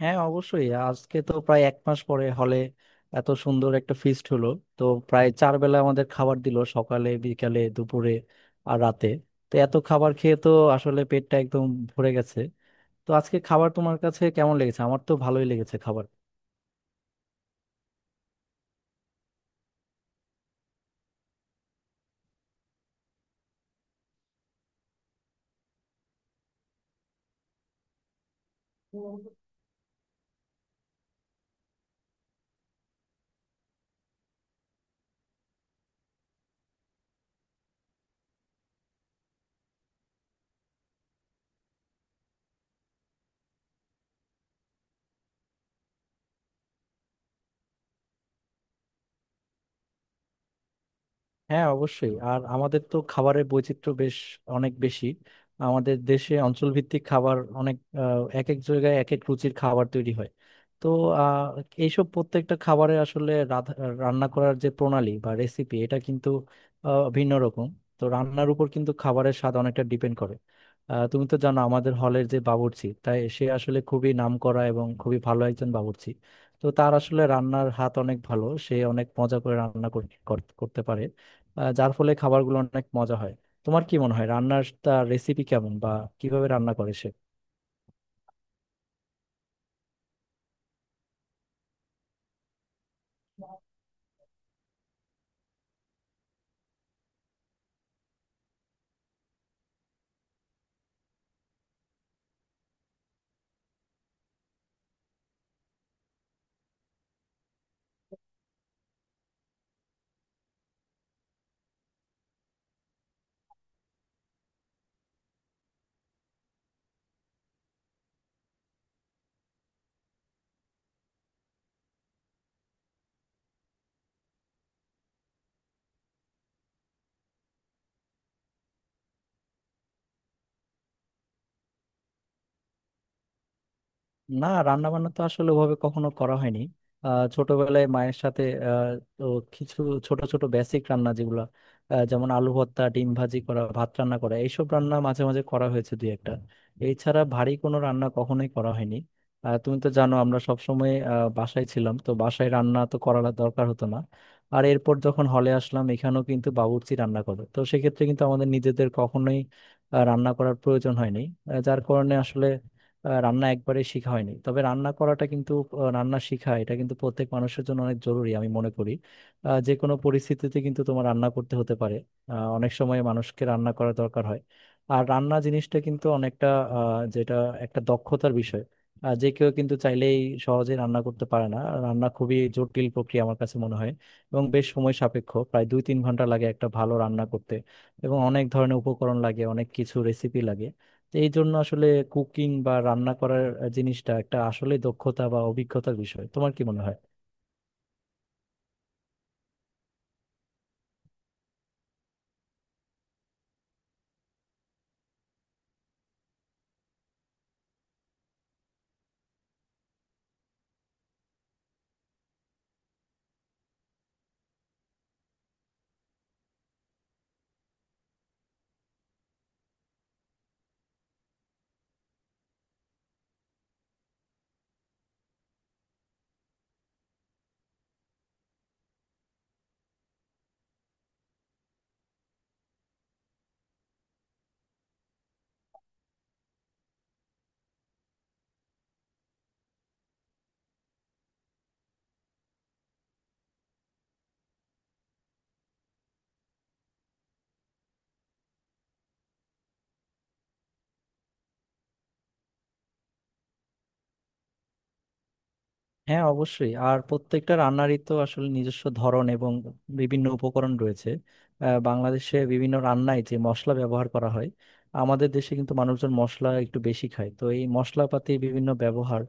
হ্যাঁ, অবশ্যই। আজকে তো প্রায় এক মাস পরে হলে এত সুন্দর একটা ফিস্ট হলো। তো প্রায় চার বেলা আমাদের খাবার দিল — সকালে, বিকালে, দুপুরে আর রাতে। তো এত খাবার খেয়ে তো আসলে পেটটা একদম ভরে গেছে। তো আজকে খাবার তোমার কাছে কেমন লেগেছে? আমার তো ভালোই লেগেছে খাবার। হ্যাঁ, অবশ্যই। আর আমাদের তো খাবারের বৈচিত্র্য বেশ অনেক বেশি। আমাদের দেশে অঞ্চলভিত্তিক খাবার অনেক, এক এক জায়গায় এক এক রুচির খাবার তৈরি হয়। তো আহ, এইসব প্রত্যেকটা খাবারের আসলে রান্না করার যে প্রণালী বা রেসিপি, এটা কিন্তু ভিন্ন রকম। তো রান্নার উপর কিন্তু খাবারের স্বাদ অনেকটা ডিপেন্ড করে। তুমি তো জানো আমাদের হলের যে বাবুর্চি, তাই সে আসলে খুবই নামকরা এবং খুবই ভালো একজন বাবুর্চি। তো তার আসলে রান্নার হাত অনেক ভালো, সে অনেক মজা করে রান্না করতে পারে। যার ফলে খাবারগুলো অনেক মজা হয়। তোমার কি মনে হয় রান্নার, তার রেসিপি কেমন বা কিভাবে রান্না করে সে? না, রান্না বান্না তো আসলে ওভাবে কখনো করা হয়নি। ছোটবেলায় মায়ের সাথে আহ, তো কিছু ছোট ছোট বেসিক রান্না যেগুলো, যেমন আলু ভর্তা, ডিম ভাজি করা, ভাত রান্না করা, এইসব রান্না মাঝে মাঝে করা হয়েছে দুই একটা। এছাড়া ভারী কোনো রান্না কখনোই করা হয়নি। আর তুমি তো জানো আমরা সবসময় বাসায় ছিলাম, তো বাসায় রান্না তো করা দরকার হতো না। আর এরপর যখন হলে আসলাম, এখানেও কিন্তু বাবুর্চি রান্না করে, তো সেক্ষেত্রে কিন্তু আমাদের নিজেদের কখনোই রান্না করার প্রয়োজন হয়নি। যার কারণে আসলে রান্না একবারে শেখা হয়নি। তবে রান্না করাটা কিন্তু, রান্না শেখা এটা কিন্তু প্রত্যেক মানুষের জন্য অনেক জরুরি আমি মনে করি। যে কোনো পরিস্থিতিতে কিন্তু তোমার রান্না করতে হতে পারে। অনেক সময় মানুষকে রান্না করা দরকার হয়। আর রান্না জিনিসটা কিন্তু অনেকটা, আহ, যেটা একটা দক্ষতার বিষয়। যে কেউ কিন্তু চাইলেই সহজে রান্না করতে পারে না। রান্না খুবই জটিল প্রক্রিয়া আমার কাছে মনে হয়, এবং বেশ সময় সাপেক্ষ, প্রায় 2-3 ঘন্টা লাগে একটা ভালো রান্না করতে। এবং অনেক ধরনের উপকরণ লাগে, অনেক কিছু রেসিপি লাগে। তো এই জন্য আসলে কুকিং বা রান্না করার জিনিসটা একটা আসলে দক্ষতা বা অভিজ্ঞতার বিষয়। তোমার কি মনে হয়? হ্যাঁ, অবশ্যই। আর প্রত্যেকটা রান্নারই তো আসলে নিজস্ব ধরন এবং বিভিন্ন উপকরণ রয়েছে। বাংলাদেশে বিভিন্ন রান্নায় যে মশলা ব্যবহার করা হয়, আমাদের দেশে কিন্তু মানুষজন মশলা একটু বেশি খায়, তো এই মশলাপাতি বিভিন্ন ব্যবহার।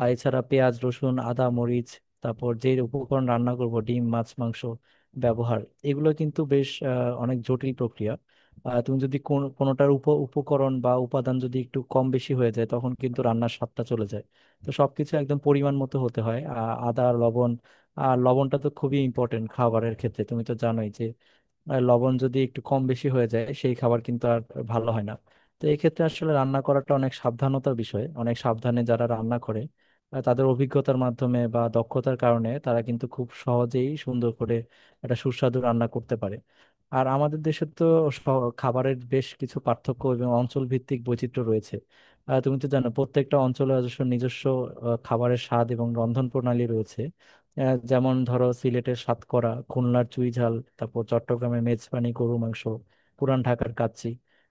আর এছাড়া পেঁয়াজ, রসুন, আদা, মরিচ, তারপর যে উপকরণ রান্না করব — ডিম, মাছ, মাংস ব্যবহার। এগুলো কিন্তু বেশ, অনেক জটিল প্রক্রিয়া। তুমি যদি কোনোটার উপকরণ বা উপাদান যদি একটু কম বেশি হয়ে যায়, তখন কিন্তু রান্নার স্বাদটা চলে যায়। তো সবকিছু একদম পরিমাণ মতো হতে হয় — আদা, লবণ। আর লবণটা তো খুবই ইম্পর্টেন্ট খাবারের ক্ষেত্রে, তুমি তো জানোই যে আর লবণ যদি একটু কম বেশি হয়ে যায় সেই খাবার কিন্তু আর ভালো হয় না। তো এই ক্ষেত্রে আসলে রান্না করাটা অনেক সাবধানতার বিষয়, অনেক সাবধানে যারা রান্না করে তাদের অভিজ্ঞতার মাধ্যমে বা দক্ষতার কারণে তারা কিন্তু খুব সহজেই সুন্দর করে একটা সুস্বাদু রান্না করতে পারে। আর আমাদের দেশে তো স- খাবারের বেশ কিছু পার্থক্য এবং অঞ্চল ভিত্তিক বৈচিত্র্য রয়েছে। তুমি তো জানো প্রত্যেকটা অঞ্চলে অবশ্য নিজস্ব খাবারের স্বাদ এবং রন্ধন প্রণালী রয়েছে। যেমন ধরো সিলেটের সাতকরা, খুলনার চুইঝাল, তারপর চট্টগ্রামের মেজবানি গরু মাংস, পুরান ঢাকার কাচ্চি —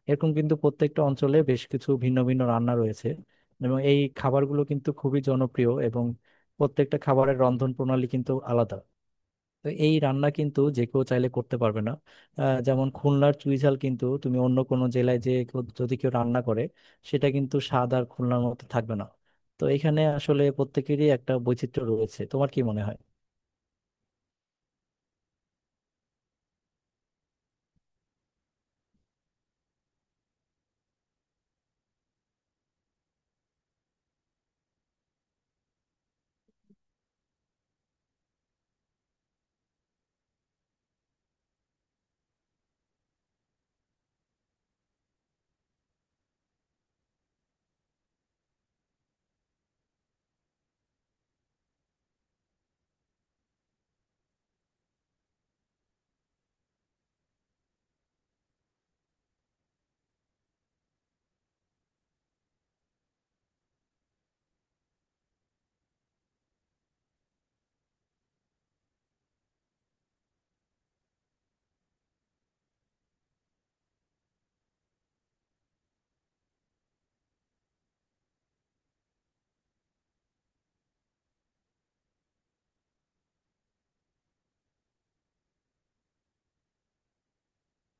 এরকম কিন্তু প্রত্যেকটা অঞ্চলে বেশ কিছু ভিন্ন ভিন্ন রান্না রয়েছে। এবং এই খাবারগুলো কিন্তু খুবই জনপ্রিয়, এবং প্রত্যেকটা খাবারের রন্ধন প্রণালী কিন্তু আলাদা। তো এই রান্না কিন্তু যে কেউ চাইলে করতে পারবে না। যেমন খুলনার চুইঝাল কিন্তু তুমি অন্য কোনো জেলায় যদি কেউ রান্না করে, সেটা কিন্তু স্বাদ আর খুলনার মতো থাকবে না। তো এখানে আসলে প্রত্যেকেরই একটা বৈচিত্র্য রয়েছে। তোমার কি মনে হয়?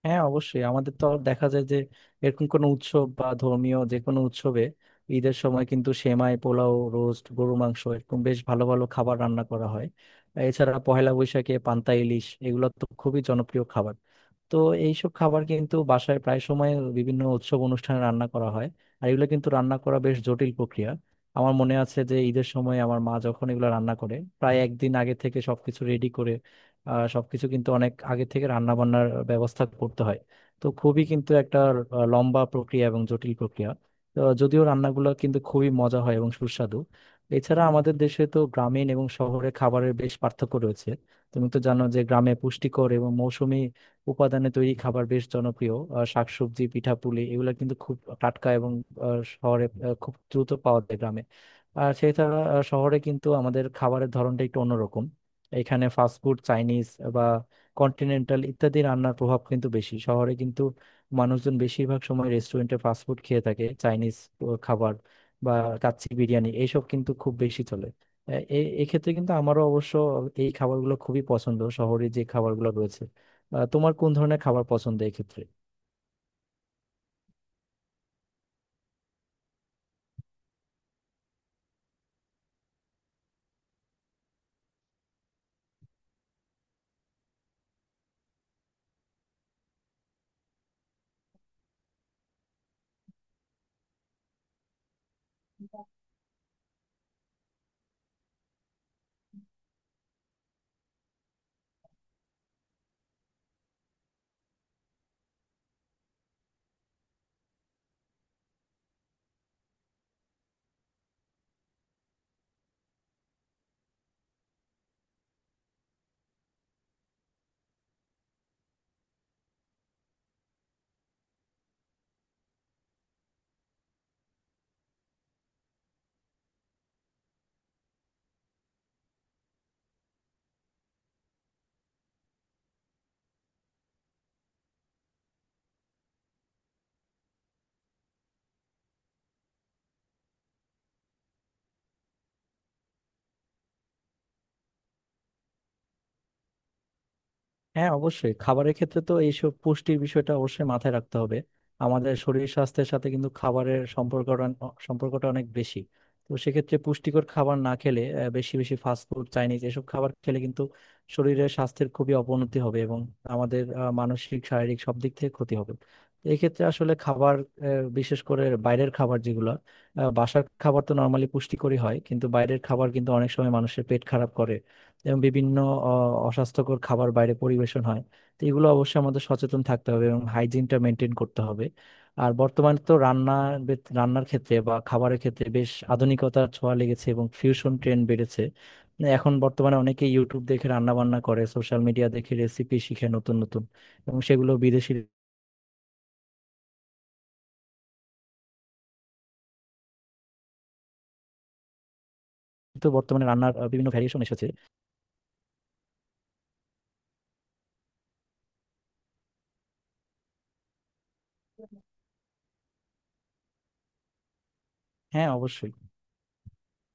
হ্যাঁ, অবশ্যই। আমাদের তো আর দেখা যায় যে এরকম কোনো উৎসব বা ধর্মীয় যে কোনো উৎসবে, ঈদের সময় কিন্তু সেমাই, পোলাও, রোস্ট, গরু মাংস এরকম বেশ ভালো ভালো খাবার রান্না করা হয়। এছাড়া পহেলা বৈশাখে পান্তা ইলিশ, এগুলো তো খুবই জনপ্রিয় খাবার। তো এইসব খাবার কিন্তু বাসায় প্রায় সময় বিভিন্ন উৎসব অনুষ্ঠানে রান্না করা হয়। আর এগুলো কিন্তু রান্না করা বেশ জটিল প্রক্রিয়া। আমার মনে আছে যে ঈদের সময় আমার মা যখন এগুলো রান্না করে, প্রায় একদিন আগে থেকে সবকিছু রেডি করে। সবকিছু কিন্তু অনেক আগে থেকে রান্না বান্নার ব্যবস্থা করতে হয়। তো খুবই কিন্তু একটা লম্বা প্রক্রিয়া এবং জটিল প্রক্রিয়া। তো যদিও রান্নাগুলো কিন্তু খুবই মজা হয় এবং সুস্বাদু। এছাড়া আমাদের দেশে তো গ্রামীণ এবং শহরে খাবারের বেশ পার্থক্য রয়েছে। তুমি তো জানো যে গ্রামে পুষ্টিকর এবং মৌসুমী উপাদানে তৈরি খাবার বেশ জনপ্রিয়। শাকসবজি, পিঠাপুলি এগুলো কিন্তু খুব টাটকা, এবং শহরে খুব দ্রুত পাওয়া যায় গ্রামে। আর সেছাড়া শহরে কিন্তু আমাদের খাবারের ধরনটা একটু অন্যরকম। এখানে ফাস্টফুড, চাইনিজ বা কন্টিনেন্টাল ইত্যাদি রান্নার প্রভাব কিন্তু বেশি। শহরে কিন্তু মানুষজন বেশিরভাগ সময় রেস্টুরেন্টে ফাস্টফুড খেয়ে থাকে, চাইনিজ খাবার বা কাচ্চি বিরিয়ানি এইসব কিন্তু খুব বেশি চলে। এক্ষেত্রে কিন্তু আমারও অবশ্য এই খাবারগুলো খুবই পছন্দ, শহরে যে খাবারগুলো রয়েছে। তোমার কোন ধরনের খাবার পছন্দ এক্ষেত্রে? হ্যাঁ, অবশ্যই। খাবারের ক্ষেত্রে তো এইসব পুষ্টির বিষয়টা অবশ্যই মাথায় রাখতে হবে। আমাদের শরীর স্বাস্থ্যের সাথে কিন্তু খাবারের সম্পর্কটা সম্পর্কটা অনেক বেশি। তো সেক্ষেত্রে পুষ্টিকর খাবার না খেলে, বেশি বেশি ফাস্টফুড চাইনিজ এসব খাবার খেলে কিন্তু শরীরের স্বাস্থ্যের খুবই অবনতি হবে, এবং আমাদের মানসিক শারীরিক সব দিক থেকে ক্ষতি হবে। এক্ষেত্রে আসলে খাবার, বিশেষ করে বাইরের খাবার যেগুলো, বাসার খাবার তো নর্মালি পুষ্টিকরই হয়, কিন্তু বাইরের খাবার কিন্তু অনেক সময় মানুষের পেট খারাপ করে এবং বিভিন্ন অ- অস্বাস্থ্যকর খাবার বাইরে পরিবেশন হয়। তো এগুলো অবশ্যই আমাদের সচেতন থাকতে হবে এবং হাইজিনটা মেনটেন করতে হবে। আর বর্তমানে তো রান্নার রান্নার ক্ষেত্রে বা খাবারের ক্ষেত্রে বেশ আধুনিকতার ছোঁয়া লেগেছে এবং ফিউশন ট্রেন্ড বেড়েছে। এখন বর্তমানে অনেকে ইউটিউব দেখে রান্না বান্না করে, সোশ্যাল মিডিয়া দেখে রেসিপি শিখে নতুন নতুন, এবং সেগুলো বিদেশি। তো বর্তমানে রান্নার বিভিন্ন ভ্যারিয়েশন এসেছে। হ্যাঁ, অবশ্যই।